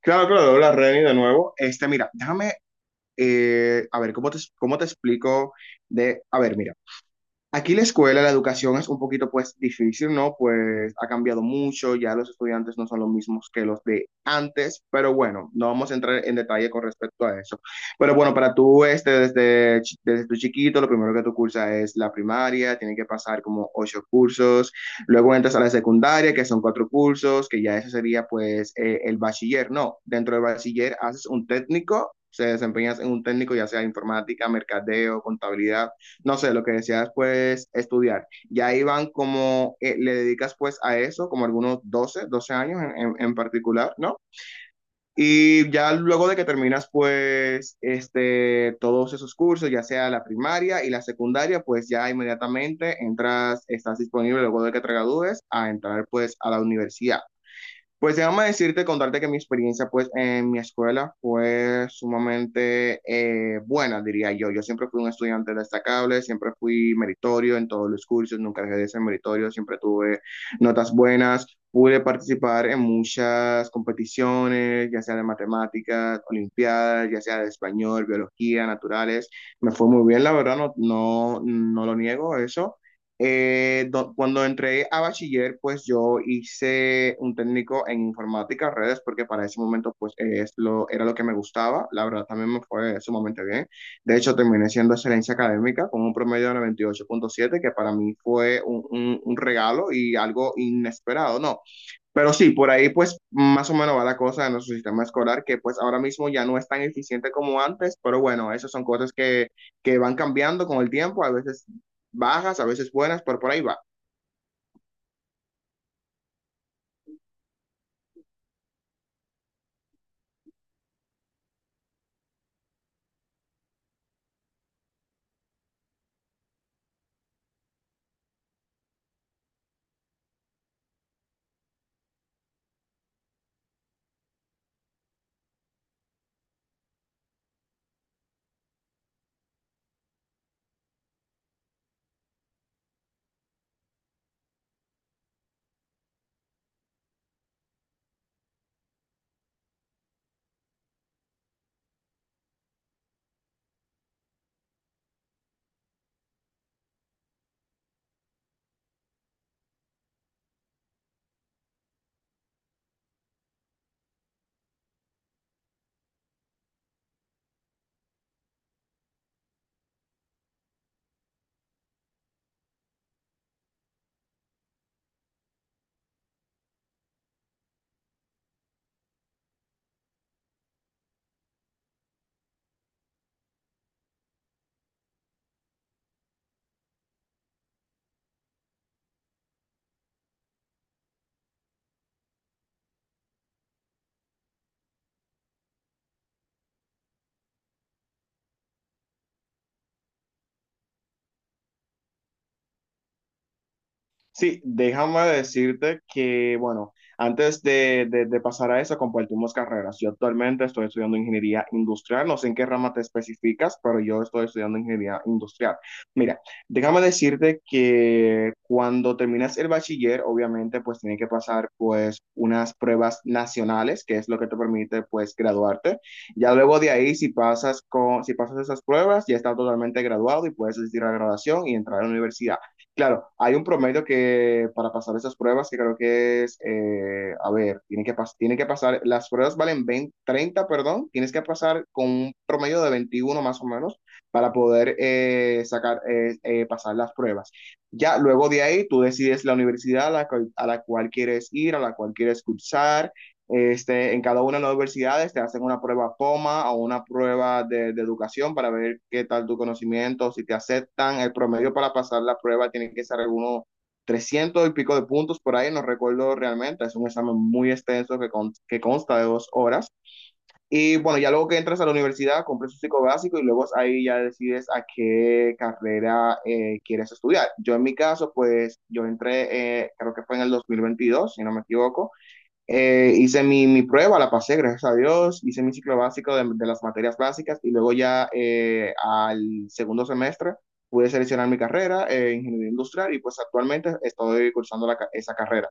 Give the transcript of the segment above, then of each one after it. Claro, claro, dobla Reni de nuevo. Este, mira, déjame, a ver, cómo te explico? De, a ver, mira. Aquí la escuela, la educación es un poquito pues difícil, ¿no? Pues ha cambiado mucho, ya los estudiantes no son los mismos que los de antes, pero bueno, no vamos a entrar en detalle con respecto a eso. Pero bueno, para tú, este, desde, desde tu chiquito, lo primero que tú cursas es la primaria, tiene que pasar como 8 cursos, luego entras a la secundaria, que son 4 cursos, que ya eso sería pues el bachiller, ¿no? Dentro del bachiller haces un técnico, se desempeñas en un técnico, ya sea informática, mercadeo, contabilidad, no sé, lo que decías pues estudiar. Y ahí van como, le dedicas pues a eso, como algunos doce años en particular, ¿no? Y ya luego de que terminas pues este, todos esos cursos, ya sea la primaria y la secundaria, pues ya inmediatamente entras, estás disponible luego de que te gradúes a entrar pues a la universidad. Pues déjame decirte, contarte que mi experiencia pues en mi escuela fue sumamente buena, diría yo. Yo siempre fui un estudiante destacable, siempre fui meritorio en todos los cursos, nunca dejé de ser meritorio, siempre tuve notas buenas, pude participar en muchas competiciones, ya sea de matemáticas, olimpiadas, ya sea de español, biología, naturales. Me fue muy bien, la verdad, no, no, no lo niego eso. Cuando entré a bachiller, pues yo hice un técnico en informática, redes, porque para ese momento pues era lo que me gustaba. La verdad también me fue sumamente bien. De hecho, terminé siendo excelencia académica con un promedio de 98.7, que para mí fue un regalo y algo inesperado, ¿no? Pero sí, por ahí pues más o menos va la cosa de nuestro sistema escolar, que pues ahora mismo ya no es tan eficiente como antes, pero bueno, esas son cosas que van cambiando con el tiempo, a veces bajas, a veces buenas, pero por ahí va. Sí, déjame decirte que, bueno, de pasar a eso, compartimos carreras. Yo actualmente estoy estudiando ingeniería industrial, no sé en qué rama te especificas, pero yo estoy estudiando ingeniería industrial. Mira, déjame decirte que cuando terminas el bachiller, obviamente, pues tienes que pasar, pues, unas pruebas nacionales, que es lo que te permite, pues, graduarte. Ya luego de ahí, si pasas esas pruebas, ya estás totalmente graduado y puedes asistir a la graduación y entrar a la universidad. Claro, hay un promedio que para pasar esas pruebas que creo que es, a ver, tiene que pasar, las pruebas valen 20, 30, perdón, tienes que pasar con un promedio de 21 más o menos para poder sacar, pasar las pruebas. Ya luego de ahí tú decides la universidad a la cual quieres ir, a la cual quieres cursar, este, en cada una de las universidades te hacen una prueba POMA o una prueba de educación para ver qué tal tu conocimiento, si te aceptan. El promedio para pasar la prueba tiene que ser algunos 300 y pico de puntos por ahí, no recuerdo realmente. Es un examen muy extenso que, que consta de 2 horas. Y bueno, ya luego que entras a la universidad, compras tu psicobásico y luego ahí ya decides a qué carrera quieres estudiar. Yo en mi caso, pues yo entré, creo que fue en el 2022, si no me equivoco. Hice mi prueba, la pasé, gracias a Dios, hice mi ciclo básico de las materias básicas y luego ya al segundo semestre pude seleccionar mi carrera, ingeniería industrial, y pues actualmente estoy cursando esa carrera.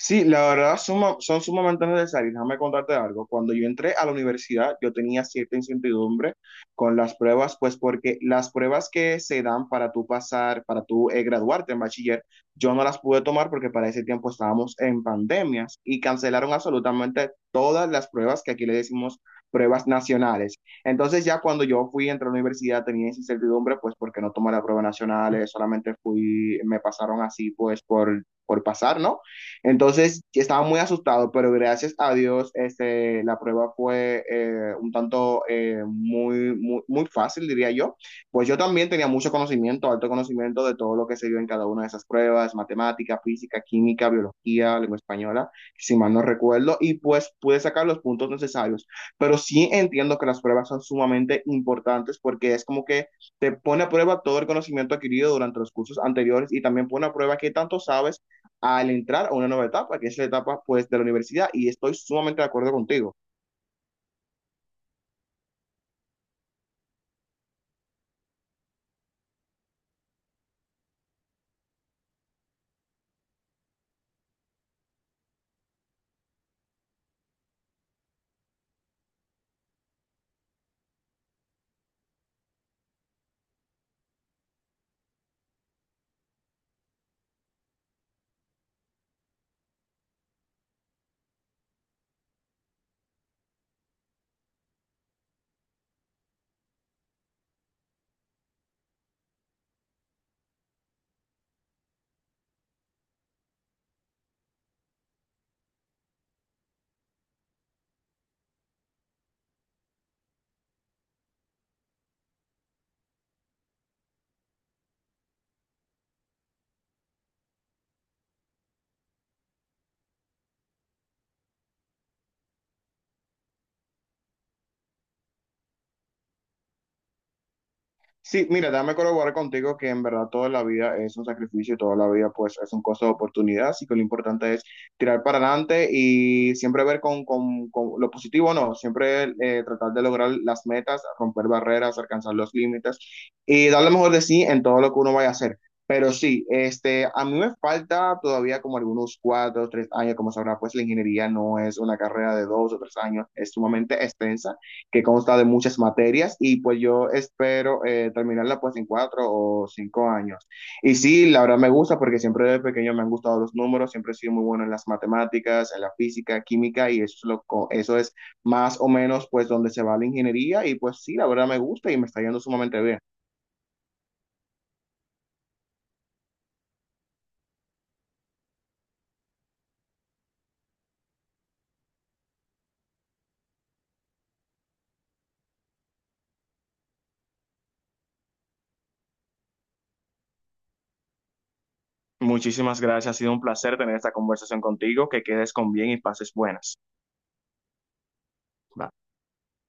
Sí, la verdad son sumamente necesarias. Déjame contarte algo. Cuando yo entré a la universidad, yo tenía cierta incertidumbre con las pruebas, pues porque las pruebas que se dan para tú pasar, para tú graduarte en bachiller, yo no las pude tomar porque para ese tiempo estábamos en pandemias y cancelaron absolutamente todas las pruebas que aquí le decimos pruebas nacionales. Entonces ya cuando yo fui, entré a la universidad, tenía esa incertidumbre, pues porque no tomé las pruebas nacionales, solamente fui, me pasaron así, pues por pasar, ¿no? Entonces, estaba muy asustado, pero gracias a Dios, este, la prueba fue un tanto muy, muy, muy fácil, diría yo. Pues yo también tenía mucho conocimiento, alto conocimiento de todo lo que se dio en cada una de esas pruebas, matemática, física, química, biología, lengua española, si mal no recuerdo, y pues pude sacar los puntos necesarios. Pero sí entiendo que las pruebas son sumamente importantes porque es como que te pone a prueba todo el conocimiento adquirido durante los cursos anteriores y también pone a prueba qué tanto sabes al entrar a una nueva etapa, que es la etapa pues de la universidad, y estoy sumamente de acuerdo contigo. Sí, mira, dame colaborar contigo que en verdad toda la vida es un sacrificio, toda la vida pues es un costo de oportunidad, así que lo importante es tirar para adelante y siempre ver con lo positivo, no, siempre tratar de lograr las metas, romper barreras, alcanzar los límites y dar lo mejor de sí en todo lo que uno vaya a hacer. Pero sí, este, a mí me falta todavía como algunos 4 o 3 años, como sabrá, pues la ingeniería no es una carrera de 2 o 3 años, es sumamente extensa que consta de muchas materias y pues yo espero terminarla pues en 4 o 5 años. Y sí, la verdad me gusta porque siempre desde pequeño me han gustado los números, siempre he sido muy bueno en las matemáticas, en la física, química y eso es, eso es más o menos pues donde se va la ingeniería y pues sí, la verdad me gusta y me está yendo sumamente bien. Muchísimas gracias, ha sido un placer tener esta conversación contigo, que quedes con bien y pases buenas. Bye.